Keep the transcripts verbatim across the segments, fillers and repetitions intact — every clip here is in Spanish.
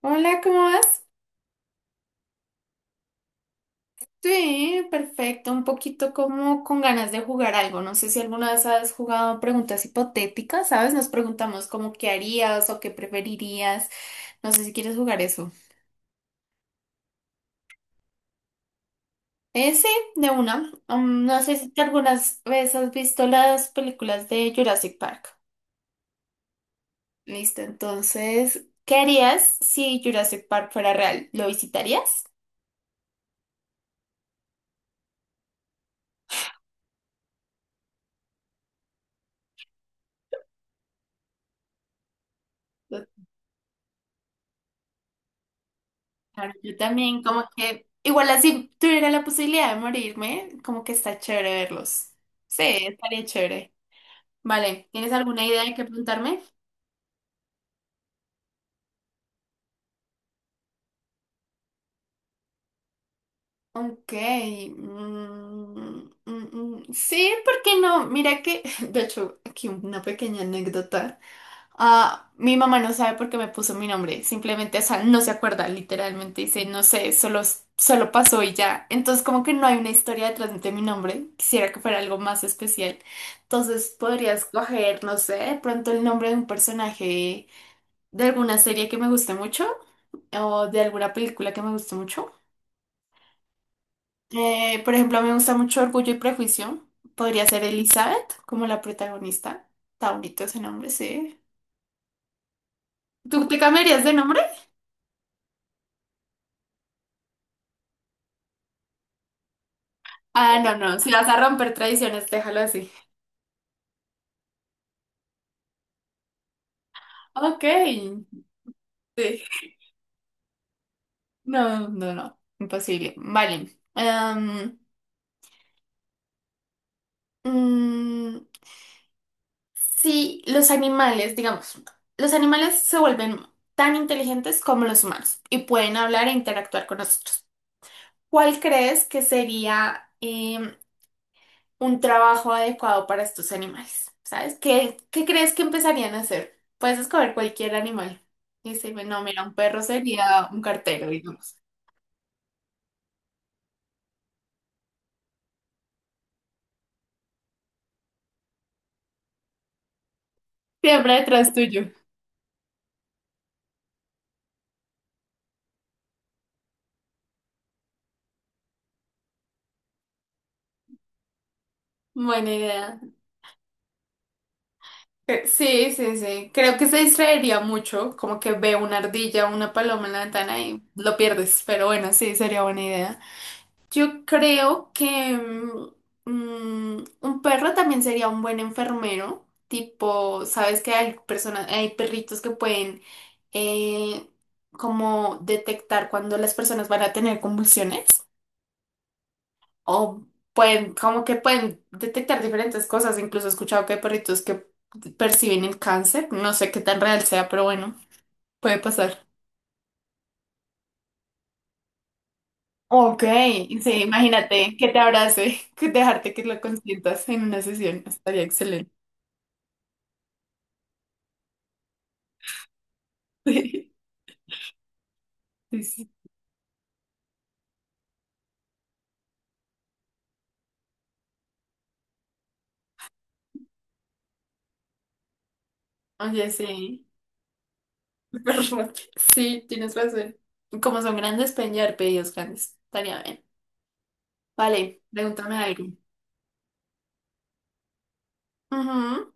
Hola, ¿cómo vas? Sí, perfecto, un poquito como con ganas de jugar algo. No sé si alguna vez has jugado preguntas hipotéticas, ¿sabes? Nos preguntamos como qué harías o qué preferirías. No sé si quieres jugar eso. Eh, sí, de una. Um, no sé si te algunas veces has visto las películas de Jurassic Park. Listo, entonces, ¿qué harías si Jurassic Park fuera real? ¿Lo visitarías? Claro, yo también, como que, igual así tuviera la posibilidad de morirme, como que está chévere verlos. Sí, estaría chévere. Vale, ¿tienes alguna idea de qué preguntarme? Ok. mm, mm, mm, sí, ¿por qué no? Mira que, de hecho, aquí una pequeña anécdota. Ah, mi mamá no sabe por qué me puso mi nombre, simplemente, o sea, no se acuerda, literalmente dice, no sé, solo, solo pasó y ya. Entonces, como que no hay una historia detrás de mi nombre, quisiera que fuera algo más especial. Entonces, podrías coger, no sé, de pronto el nombre de un personaje de alguna serie que me guste mucho o de alguna película que me guste mucho. Eh, por ejemplo, me gusta mucho Orgullo y Prejuicio, podría ser Elizabeth como la protagonista. Está bonito ese nombre, sí. ¿Tú te cambiarías de nombre? Ah, no, no, si vas a romper tradiciones, déjalo así. Ok, sí. No, no, no, imposible. Vale. Em, mm, sí, los animales, digamos, los animales se vuelven tan inteligentes como los humanos y pueden hablar e interactuar con nosotros. ¿Cuál crees que sería em, un trabajo adecuado para estos animales? ¿Sabes? ¿Qué, qué crees que empezarían a hacer? Puedes escoger cualquier animal. Y decirme, no, mira, un perro sería un cartero, digamos. Siempre detrás tuyo. Buena idea. Eh, Sí, sí, sí. Creo que se distraería mucho, como que ve una ardilla o una paloma en la ventana y lo pierdes, pero bueno, sí, sería buena idea. Yo creo que mm, mm, un perro también sería un buen enfermero, tipo, sabes que hay personas, hay perritos que pueden eh, como detectar cuando las personas van a tener convulsiones. O pueden, como que pueden detectar diferentes cosas. Incluso he escuchado que hay perritos que perciben el cáncer. No sé qué tan real sea, pero bueno, puede pasar. Ok, sí, imagínate que te abrace, que dejarte que lo consientas en una sesión. Estaría excelente. Sí, sí. Oye, sí. Perro. Sí, tienes razón. Como son grandes, pueden llevar pedidos grandes. Estaría bien. Vale, pregúntame algo. Ujú.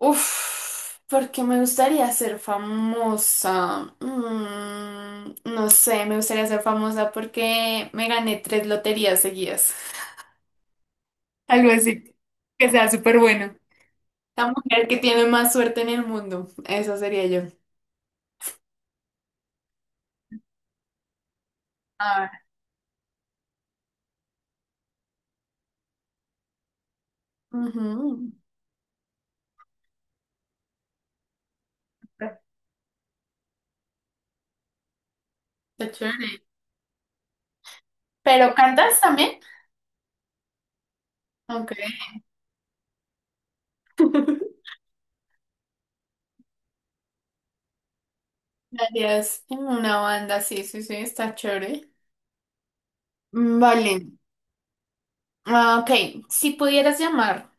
Uf, porque me gustaría ser famosa. Mm, no sé, me gustaría ser famosa porque me gané tres loterías seguidas. Algo así, que sea súper bueno. La mujer que tiene más suerte en el mundo. Eso sería yo. Ah, ujú, está chévere. ¿Pero cantas también? Ok. Darías en una banda, sí, sí, sí, está chévere. Mm, Vale. Ah, ok, si pudieras llamar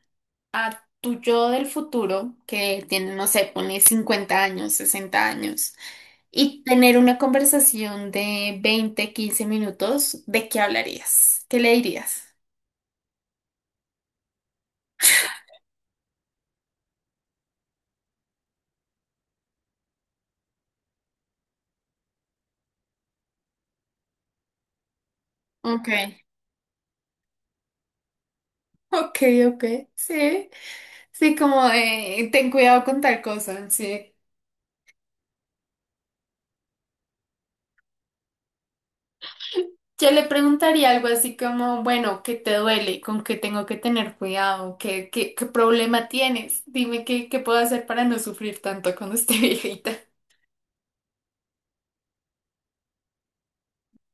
a tu yo del futuro, que tiene, no sé, pone cincuenta años, sesenta años, y tener una conversación de veinte quince minutos, ¿de qué hablarías? ¿Qué le dirías? Ok, ok, ok, sí. Sí, como de, ten cuidado con tal cosa, sí. Yo le preguntaría algo así como, bueno, ¿qué te duele? ¿Con qué tengo que tener cuidado? ¿Qué, qué, qué problema tienes? Dime qué, qué puedo hacer para no sufrir tanto cuando esté viejita.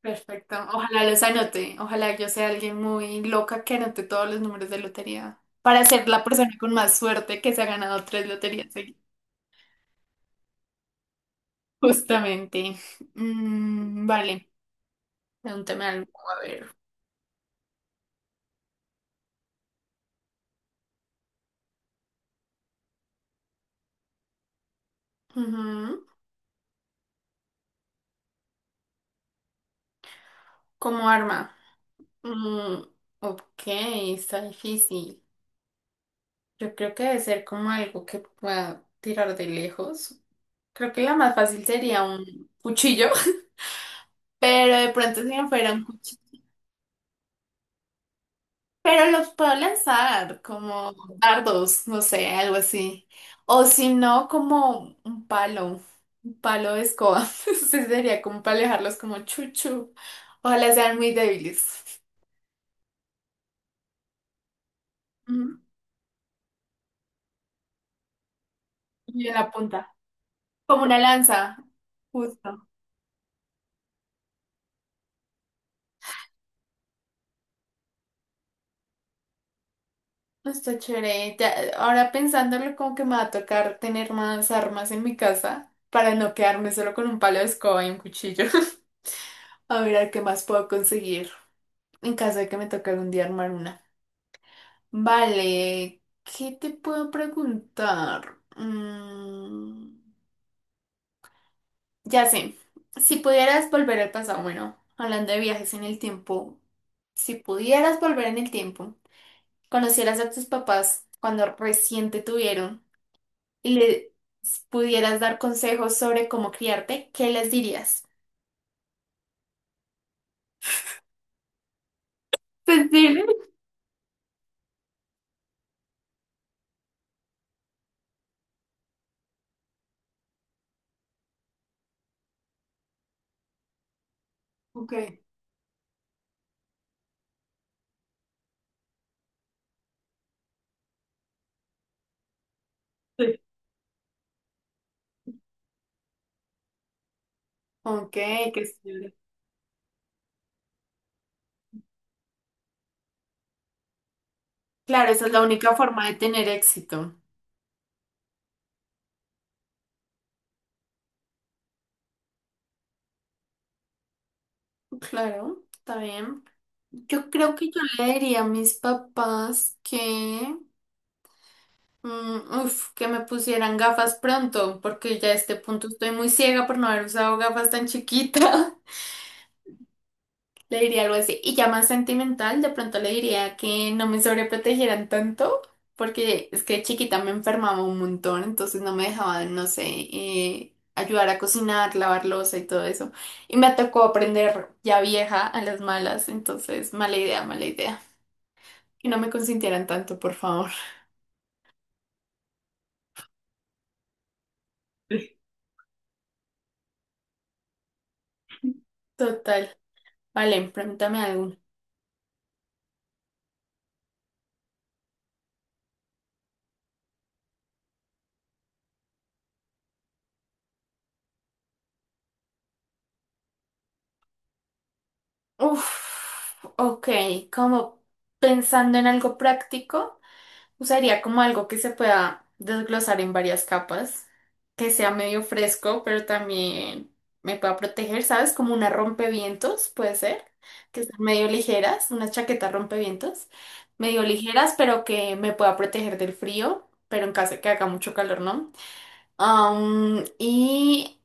Perfecto. Ojalá los anote. Ojalá yo sea alguien muy loca que anote todos los números de lotería para ser la persona con más suerte que se ha ganado tres loterías seguidas. Justamente. Mm, vale. Pregúntame algo. A ver. Ujú. Como arma. Mm, ok, está difícil. Yo creo que debe ser como algo que pueda tirar de lejos. Creo que la más fácil sería un cuchillo, pero de pronto si no fuera un cuchillo. Pero los puedo lanzar como dardos, no sé, algo así. O si no, como un palo, un palo de escoba. Sí, sería como para alejarlos como chuchu. Ojalá sean muy débiles. Ujú. Y en la punta. Como una lanza, justo. Está chévere. Ya, ahora pensándolo, como que me va a tocar tener más armas en mi casa para no quedarme solo con un palo de escoba y un cuchillo. A ver, a ver qué más puedo conseguir en caso de que me toque algún día armar una. Vale, ¿qué te puedo preguntar? Mm, ya sé, si pudieras volver al pasado, bueno, hablando de viajes en el tiempo, si pudieras volver en el tiempo, conocieras a tus papás cuando recién te tuvieron y les pudieras dar consejos sobre cómo criarte, ¿qué les dirías? Pues dile. Ok. Sí. Ok, qué chévere. Claro, esa es la única forma de tener éxito. Claro, está bien. Yo creo que yo le diría a mis papás que, mm, uf, que me pusieran gafas pronto, porque ya a este punto estoy muy ciega por no haber usado gafas tan chiquita. Le diría algo así. Y ya más sentimental, de pronto le diría que no me sobreprotegieran tanto, porque es que de chiquita me enfermaba un montón, entonces no me dejaban, no sé, eh, ayudar a cocinar, lavar loza y todo eso. Y me tocó aprender ya vieja a las malas, entonces mala idea, mala idea. Que no me consintieran tanto, por favor. Total. Vale, pregúntame algo. Uf, ok, como pensando en algo práctico, usaría como algo que se pueda desglosar en varias capas, que sea medio fresco, pero también me pueda proteger, ¿sabes? Como una rompevientos, puede ser, que sean medio ligeras, una chaqueta rompevientos, medio ligeras, pero que me pueda proteger del frío, pero en caso de que haga mucho calor, ¿no? Am, y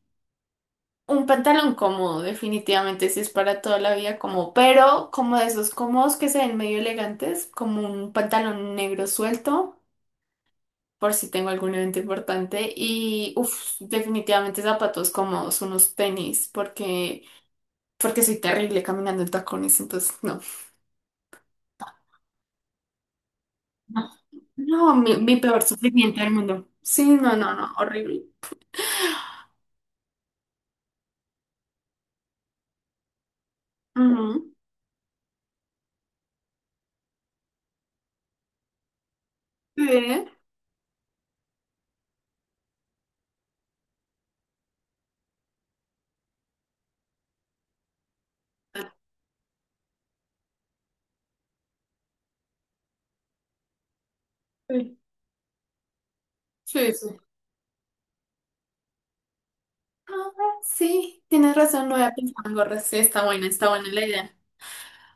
un pantalón cómodo, definitivamente, si es para toda la vida como, pero como de esos cómodos que se ven medio elegantes, como un pantalón negro suelto, por si tengo algún evento importante, y uff, definitivamente zapatos cómodos, unos tenis, porque, porque soy terrible caminando en tacones, entonces no. No, no, mi, mi peor sufrimiento del mundo. Sí, no, no, no, horrible. Ujú. Sí, sí, sí. Ah, sí, tienes razón, no había pensado en gorras. Sí, está buena, está buena la idea.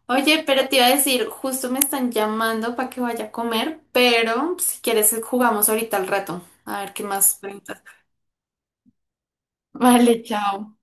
Oye, pero te iba a decir, justo me están llamando para que vaya a comer, pero si quieres jugamos ahorita al rato. A ver qué más preguntas. Vale, chao.